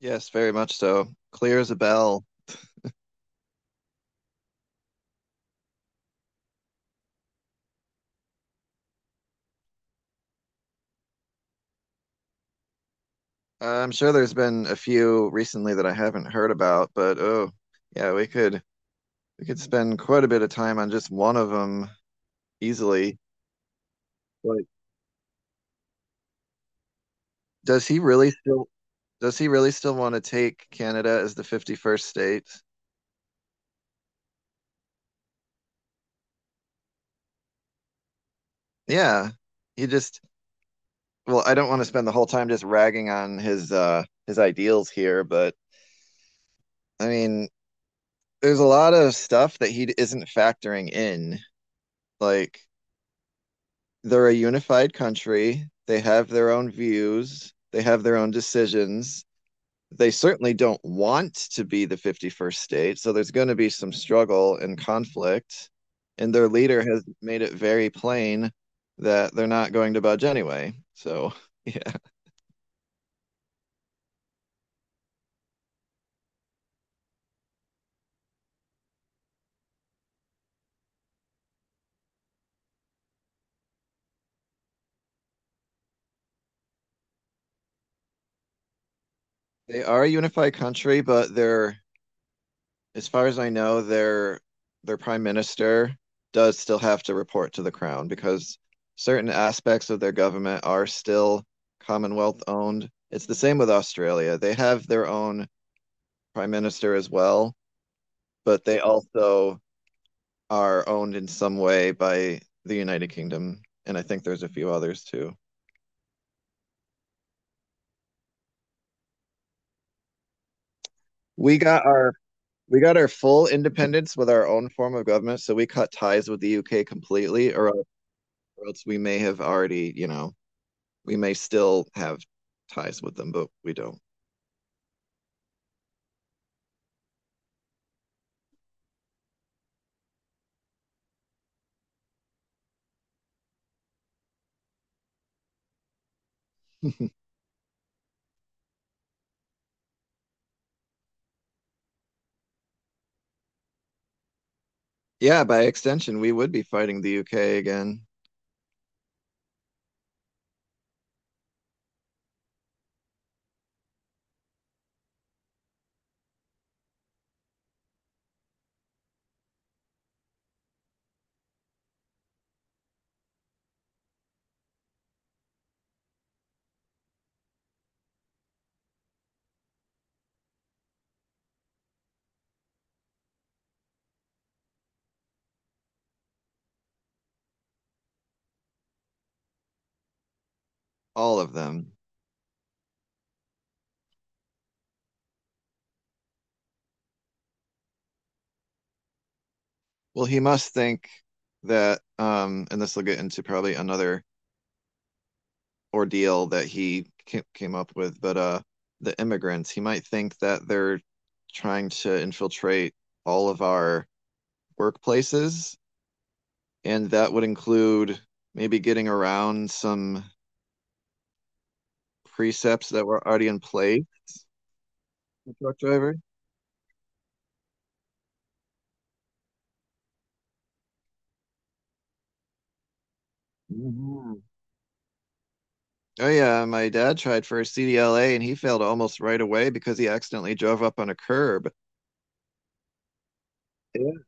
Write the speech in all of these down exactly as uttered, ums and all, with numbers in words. Yes, very much so. Clear as a bell. I'm sure there's been a few recently that I haven't heard about, but oh, yeah, we could we could spend quite a bit of time on just one of them easily. But does he really still does he really still want to take Canada as the fifty-first state? Yeah. He just well, I don't want to spend the whole time just ragging on his uh his ideals here, but I mean, there's a lot of stuff that he isn't factoring in. Like they're a unified country. They have their own views. They have their own decisions. They certainly don't want to be the fifty-first state. So there's going to be some struggle and conflict. And their leader has made it very plain that they're not going to budge anyway. So, yeah, they are a unified country, but they're as far as I know, their, their prime minister does still have to report to the crown because certain aspects of their government are still Commonwealth owned. It's the same with Australia. They have their own prime minister as well, but they also are owned in some way by the United Kingdom. And I think there's a few others too. We got our we got our full independence with our own form of government, so we cut ties with the U K completely, or, or else we may have already, you know, we may still have ties with them, but we don't. Yeah, by extension, we would be fighting the U K again, all of them. Well, he must think that, um, and this will get into probably another ordeal that he came up with, but uh, the immigrants, he might think that they're trying to infiltrate all of our workplaces, and that would include maybe getting around some precepts that were already in place. For truck driver. Mhm. Oh yeah, my dad tried for a C D L A and he failed almost right away because he accidentally drove up on a curb. Yeah.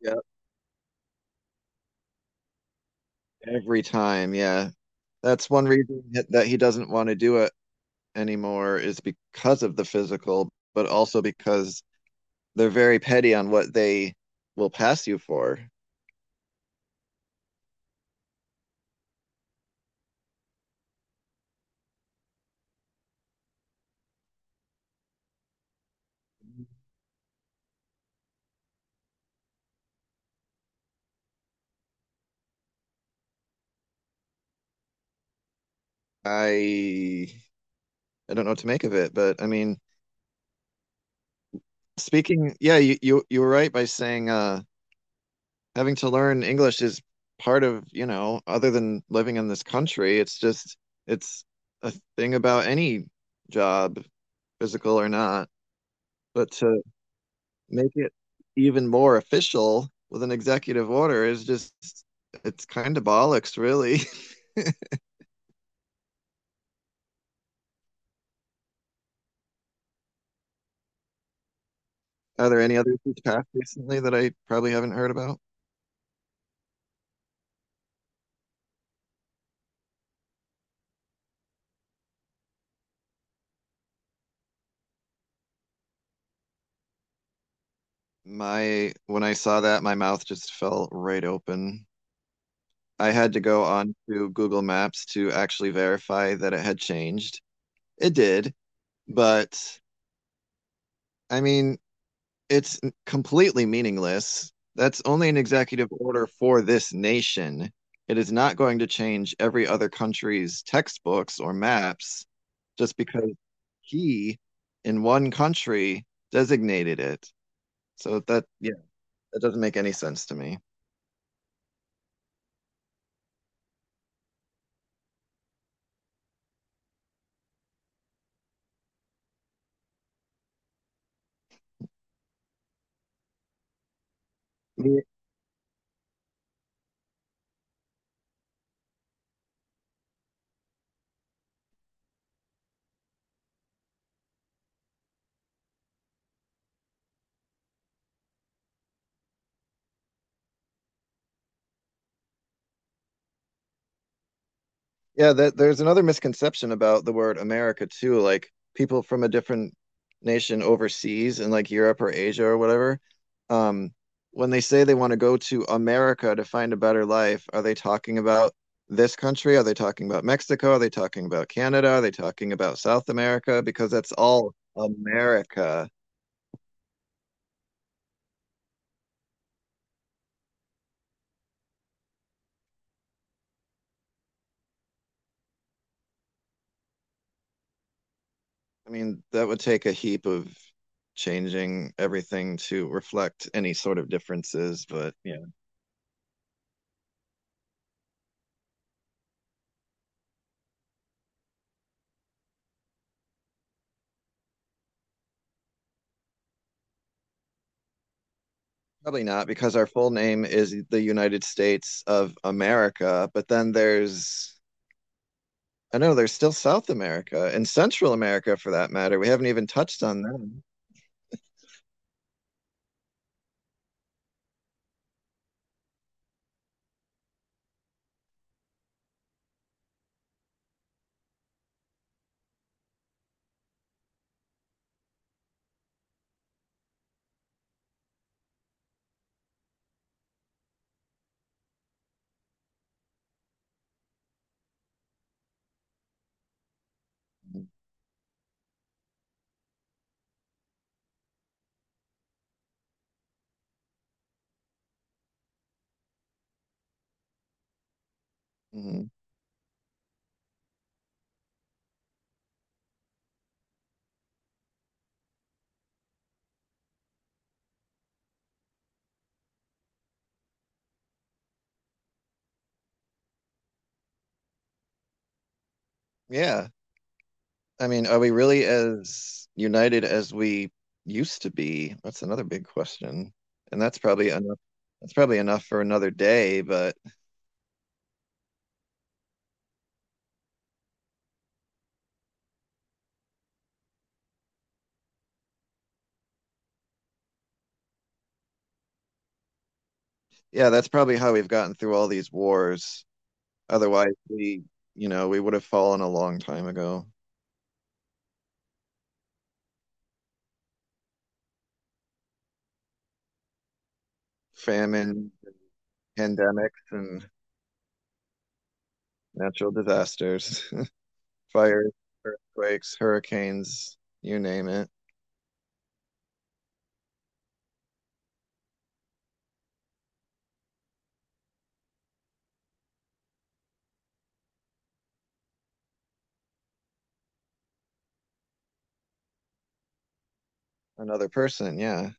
Yeah, every time. Yeah. That's one reason that that he doesn't want to do it anymore is because of the physical, but also because they're very petty on what they will pass you for. I I don't know what to make of it, but I mean, speaking, yeah, you you you were right by saying uh having to learn English is part of, you know, other than living in this country, it's just it's a thing about any job, physical or not. But to make it even more official with an executive order is just it's kind of bollocks, really. Are there any others that's passed recently that I probably haven't heard about? My when I saw that, my mouth just fell right open. I had to go on to Google Maps to actually verify that it had changed. It did. But I mean, it's completely meaningless. That's only an executive order for this nation. It is not going to change every other country's textbooks or maps just because he in one country designated it. So that, yeah, that doesn't make any sense to me. Yeah, that there's another misconception about the word America too. Like people from a different nation overseas in like Europe or Asia or whatever, um, when they say they want to go to America to find a better life, are they talking about this country? Are they talking about Mexico? Are they talking about Canada? Are they talking about South America? Because that's all America. I mean, that would take a heap of changing everything to reflect any sort of differences, but you probably not, because our full name is the United States of America, but then there's, I know there's still South America and Central America for that matter. We haven't even touched on them. Mhm. Yeah. I mean, are we really as united as we used to be? That's another big question. And that's probably enough. That's probably enough for another day, but yeah, that's probably how we've gotten through all these wars. Otherwise, we, you know, we would have fallen a long time ago. Famine, pandemics, and natural disasters, fires, earthquakes, hurricanes, you name it. Another person, yeah.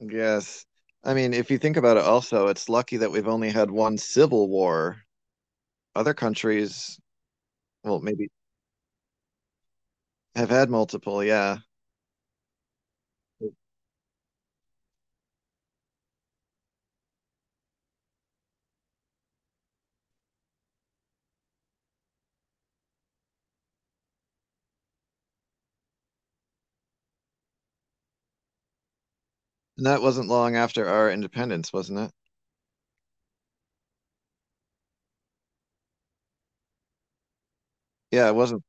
Yes. I mean, if you think about it also, it's lucky that we've only had one civil war. Other countries, well, maybe have had multiple, yeah. And that wasn't long after our independence, wasn't it? Yeah, it wasn't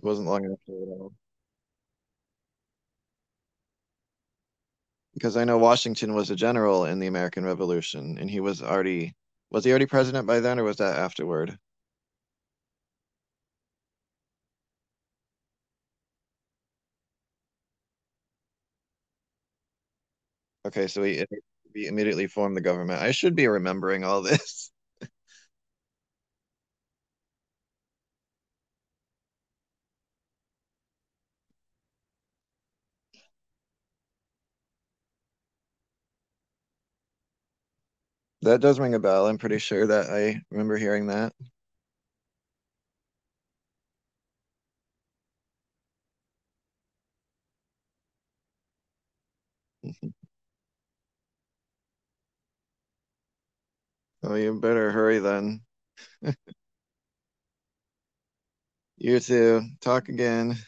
wasn't long after at all. Because I know Washington was a general in the American Revolution and he was already, was he already president by then or was that afterward? Okay, so he, he immediately formed the government. I should be remembering all this. That does ring a bell. I'm pretty sure that I remember hearing that. Oh, you better hurry then. You two. Talk again.